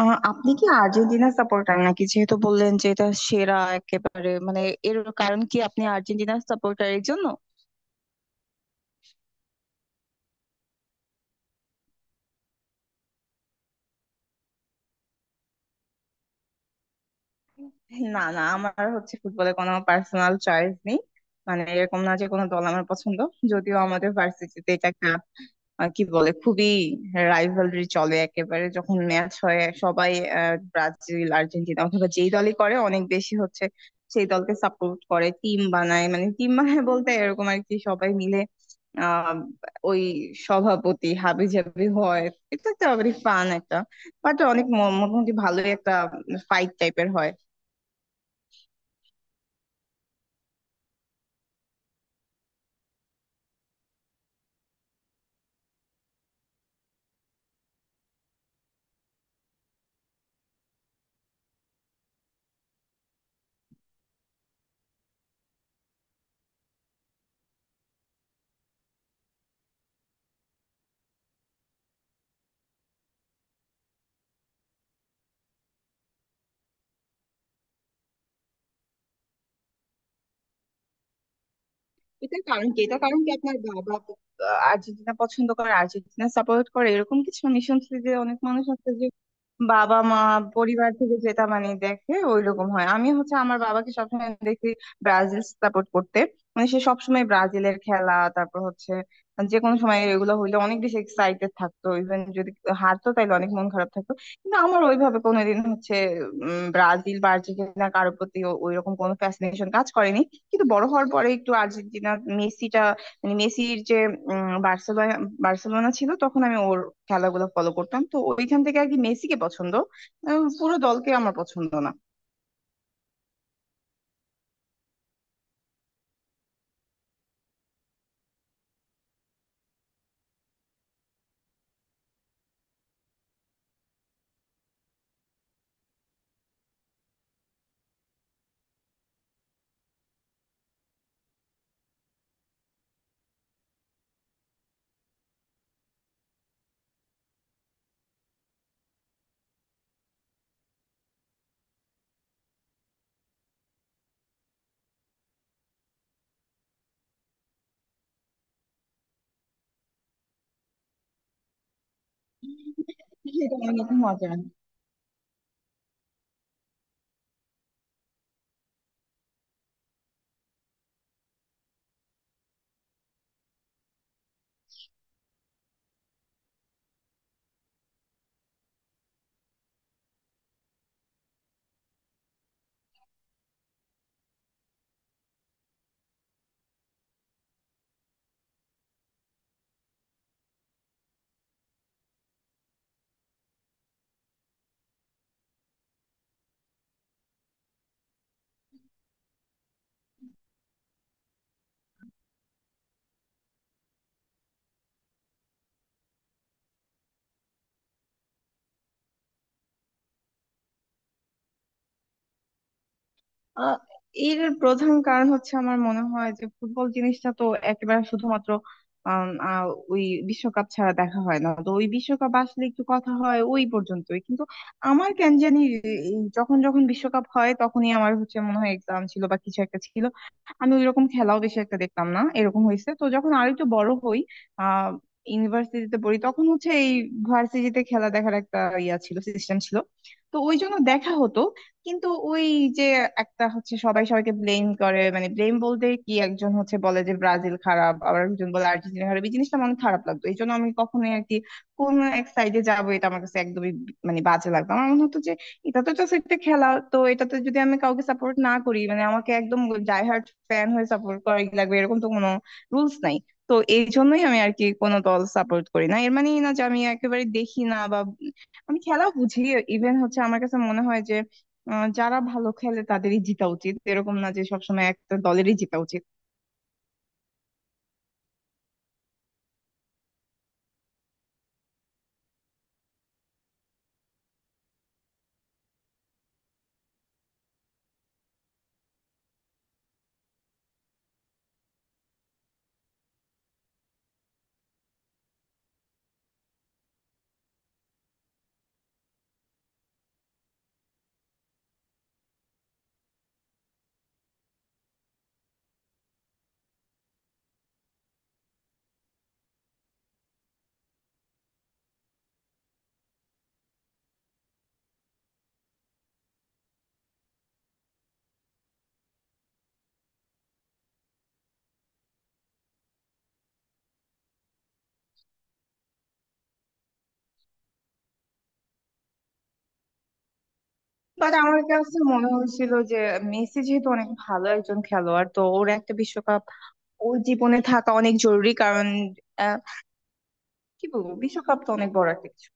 আপনি কি Argentina supporter নাকি? যেহেতু বললেন যে এটা সেরা একেবারে, এর কারণ কি আপনি আর্জেন্টিনা সাপোর্টারের জন্য? না না, আমার হচ্ছে ফুটবলে কোনো পার্সোনাল চয়েস নেই। মানে এরকম না যে কোনো দল আমার পছন্দ। যদিও আমাদের ভার্সিটিতে এটা একটা কি বলে, খুবই রাইভালরি চলে একেবারে। যখন ম্যাচ হয় সবাই ব্রাজিল আর্জেন্টিনা অথবা যেই দলই করে অনেক বেশি হচ্ছে, সেই দলকে সাপোর্ট করে, টিম বানায়। মানে টিম বানায় বলতে এরকম আর কি, সবাই মিলে আহ ওই সভাপতি হাবি জাবি হয়। এটা তো আবার ফান একটা, বাট অনেক মোটামুটি ভালোই একটা ফাইট টাইপের হয়। এটার কারণ কি, এটার কারণ কি, আপনার বাবা আর্জেন্টিনা পছন্দ করে, আর্জেন্টিনা সাপোর্ট করে? এরকম কিছু আমি শুনছি যে অনেক মানুষ আছে যে বাবা মা পরিবার থেকে যেটা মানে দেখে ওইরকম হয়। আমি হচ্ছে আমার বাবাকে সবসময় দেখি ব্রাজিল সাপোর্ট করতে। মানে সে সবসময় ব্রাজিলের খেলা, তারপর হচ্ছে যে কোনো সময় এগুলো হইলে অনেক বেশি এক্সাইটেড থাকতো, ইভেন যদি হারতো তাইলে অনেক মন খারাপ থাকতো। কিন্তু আমার ওইভাবে কোনোদিন হচ্ছে ব্রাজিল বা আর্জেন্টিনা কারোর প্রতি ওইরকম কোনো ফ্যাসিনেশন কাজ করেনি। কিন্তু বড় হওয়ার পরে একটু আর্জেন্টিনা, মেসিটা, মানে মেসির যে বার্সেলোনা, বার্সেলোনা ছিল তখন আমি ওর খেলাগুলো ফলো করতাম, তো ওইখান থেকে আর কি মেসিকে পছন্দ। পুরো দলকে আমার পছন্দ না। এটা আমার মতে মজা। আহ, এর প্রধান কারণ হচ্ছে, আমার মনে হয় যে ফুটবল জিনিসটা তো একেবারে শুধুমাত্র আম, আহ, ওই বিশ্বকাপ ছাড়া দেখা হয় না। তো ওই বিশ্বকাপ আসলে একটু কথা হয় ওই পর্যন্তই। কিন্তু আমার কেন জানি এই যখন যখন বিশ্বকাপ হয় তখনই আমার হচ্ছে মনে হয় এক্সাম ছিল বা কিছু একটা ছিল, আমি ওইরকম খেলাও বেশি একটা দেখতাম না, এরকম হয়েছে। তো যখন আর একটু বড় হই, আহ ইউনিভার্সিটিতে পড়ি, তখন হচ্ছে এই ভার্সিটিতে খেলা দেখার একটা ইয়া ছিল, সিস্টেম ছিল, তো ওই জন্য দেখা হতো। কিন্তু ওই যে একটা হচ্ছে সবাই সবাইকে ব্লেম করে, মানে ব্লেম বলতে কি, একজন হচ্ছে বলে যে ব্রাজিল খারাপ, আবার একজন বলে আর্জেন্টিনা খারাপ। এই জিনিসটা আমার অনেক খারাপ লাগতো, এই জন্য আমি কখনোই আর কি কোন এক সাইডে যাবো, এটা আমার কাছে একদমই মানে বাজে লাগতো। আমার মনে হতো যে এটা তো জাস্ট একটা খেলা, তো এটাতে যদি আমি কাউকে সাপোর্ট না করি, মানে আমাকে একদম ডাই হার্ড ফ্যান হয়ে সাপোর্ট করাই লাগবে এরকম তো কোনো রুলস নাই। তো এই জন্যই আমি আর কি কোনো দল সাপোর্ট করি না, এর মানেই না যে আমি একেবারে দেখি না বা আমি খেলা বুঝি। ইভেন হচ্ছে আমার কাছে মনে হয় যে যারা ভালো খেলে তাদেরই জিতা উচিত, এরকম না যে সবসময় একটা দলেরই জিতা উচিত। বাট আমার কাছে মনে হয়েছিল যে মেসি যেহেতু অনেক ভালো একজন খেলোয়াড়, তো ওর একটা বিশ্বকাপ ওর জীবনে থাকা অনেক জরুরি, কারণ আহ, কি বলবো, বিশ্বকাপ তো অনেক বড় একটা কিছু।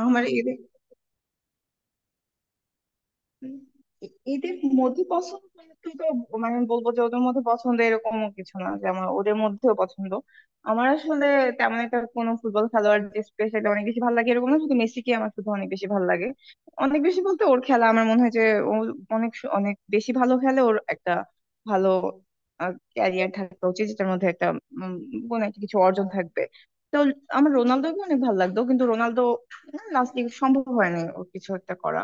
আমার উম, এদের মধ্যে পছন্দ মানে তুই তো, মানে আমি বলবো যে ওদের মধ্যে পছন্দ, এরকমও কিছু না যে আমার ওদের মধ্যেও পছন্দ। আমার আসলে তেমন একটা কোনো ফুটবল খেলোয়াড় যে স্পেশালি অনেক বেশি ভালো লাগে এরকম না, শুধু মেসিকে আমার শুধু অনেক বেশি ভালো লাগে। অনেক বেশি বলতে ওর খেলা, আমার মনে হয় যে ও অনেক অনেক বেশি ভালো খেলে, ওর একটা ভালো ক্যারিয়ার থাকা উচিত যেটার মধ্যে একটা উম, কোনো একটা কিছু অর্জন থাকবে। তো আমার রোনালদোকে অনেক ভালো লাগতো, কিন্তু রোনালদো লাস্ট সম্ভব হয়নি ওর কিছু একটা করা।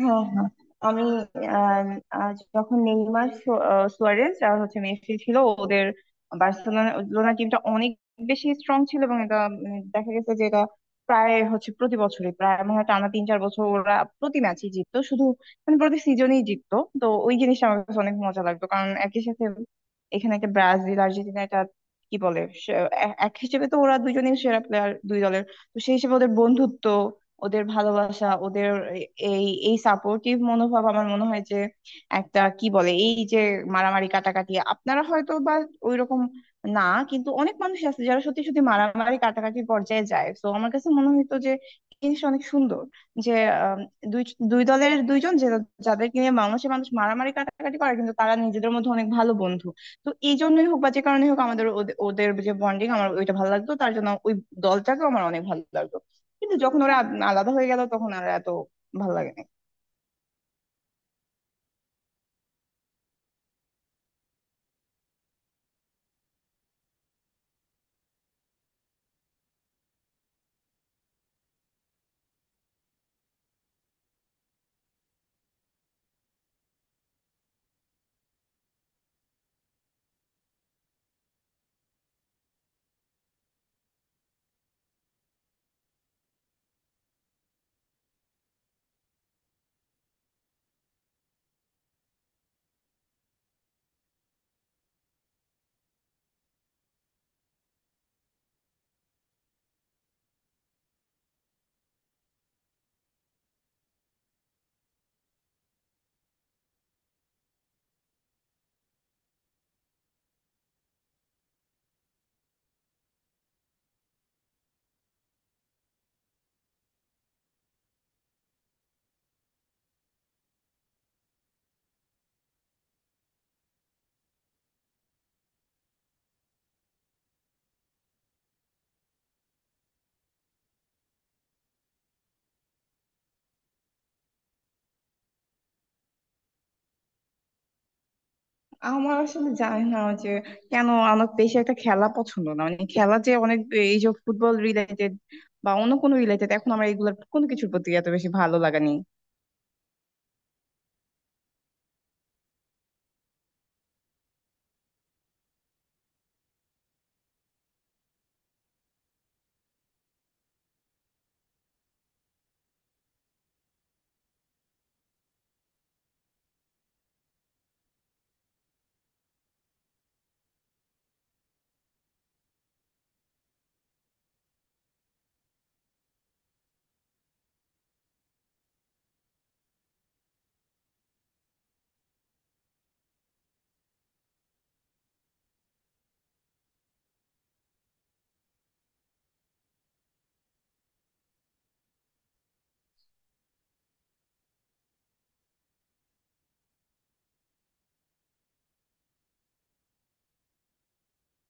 হ্যাঁ, হ্যাঁ। আমি আহ, আহ, যখন নেইমার সুয়ারেজ আর হচ্ছে মেসি ছিল, ওদের বার্সেলোনা টিমটা অনেক বেশি স্ট্রং ছিল, এবং এটা দেখা গেছে যে এটা প্রায় হচ্ছে প্রতি বছরই, প্রায় মনে হয় টানা তিন চার বছর ওরা প্রতি ম্যাচই জিততো, শুধু মানে প্রতি সিজনেই জিততো। তো ওই জিনিসটা আমার কাছে অনেক মজা লাগতো, কারণ একই সাথে এখানে একটা ব্রাজিল আর্জেন্টিনা, এটা কি বলে, এক হিসেবে তো ওরা দুজনেই সেরা প্লেয়ার দুই দলের, তো সেই হিসেবে ওদের বন্ধুত্ব, ওদের ভালোবাসা, ওদের এই এই সাপোর্টিভ মনোভাব, আমার মনে হয় যে একটা কি বলে এই যে মারামারি কাটাকাটি, আপনারা হয়তো বা ওইরকম না, কিন্তু অনেক মানুষ আছে যারা সত্যি সত্যি মারামারি কাটাকাটির পর্যায়ে যায়। তো আমার কাছে মনে হইতো যে এই জিনিসটা অনেক সুন্দর, যে আম, দুই দুই দলের দুইজন যে, যাদেরকে নিয়ে মানুষে মানুষ মারামারি কাটাকাটি করে কিন্তু তারা নিজেদের মধ্যে অনেক ভালো বন্ধু। তো এই জন্যই হোক বা যে কারণে হোক, আমাদের ওদের যে বন্ডিং আমার ওইটা ভালো লাগতো, তার জন্য ওই দলটাকেও আমার অনেক ভালো লাগতো। কিন্তু যখন ওরা আলাদা হয়ে গেল তখন আর এত ভালো লাগে না। আমার আসলে জানি না যে কেন আমার বেশি একটা খেলা পছন্দ না, মানে খেলা যে অনেক, এই যে ফুটবল রিলেটেড বা অন্য কোনো রিলেটেড, এখন আমার এগুলোর কোনো কিছুর প্রতি এত বেশি ভালো লাগা নেই।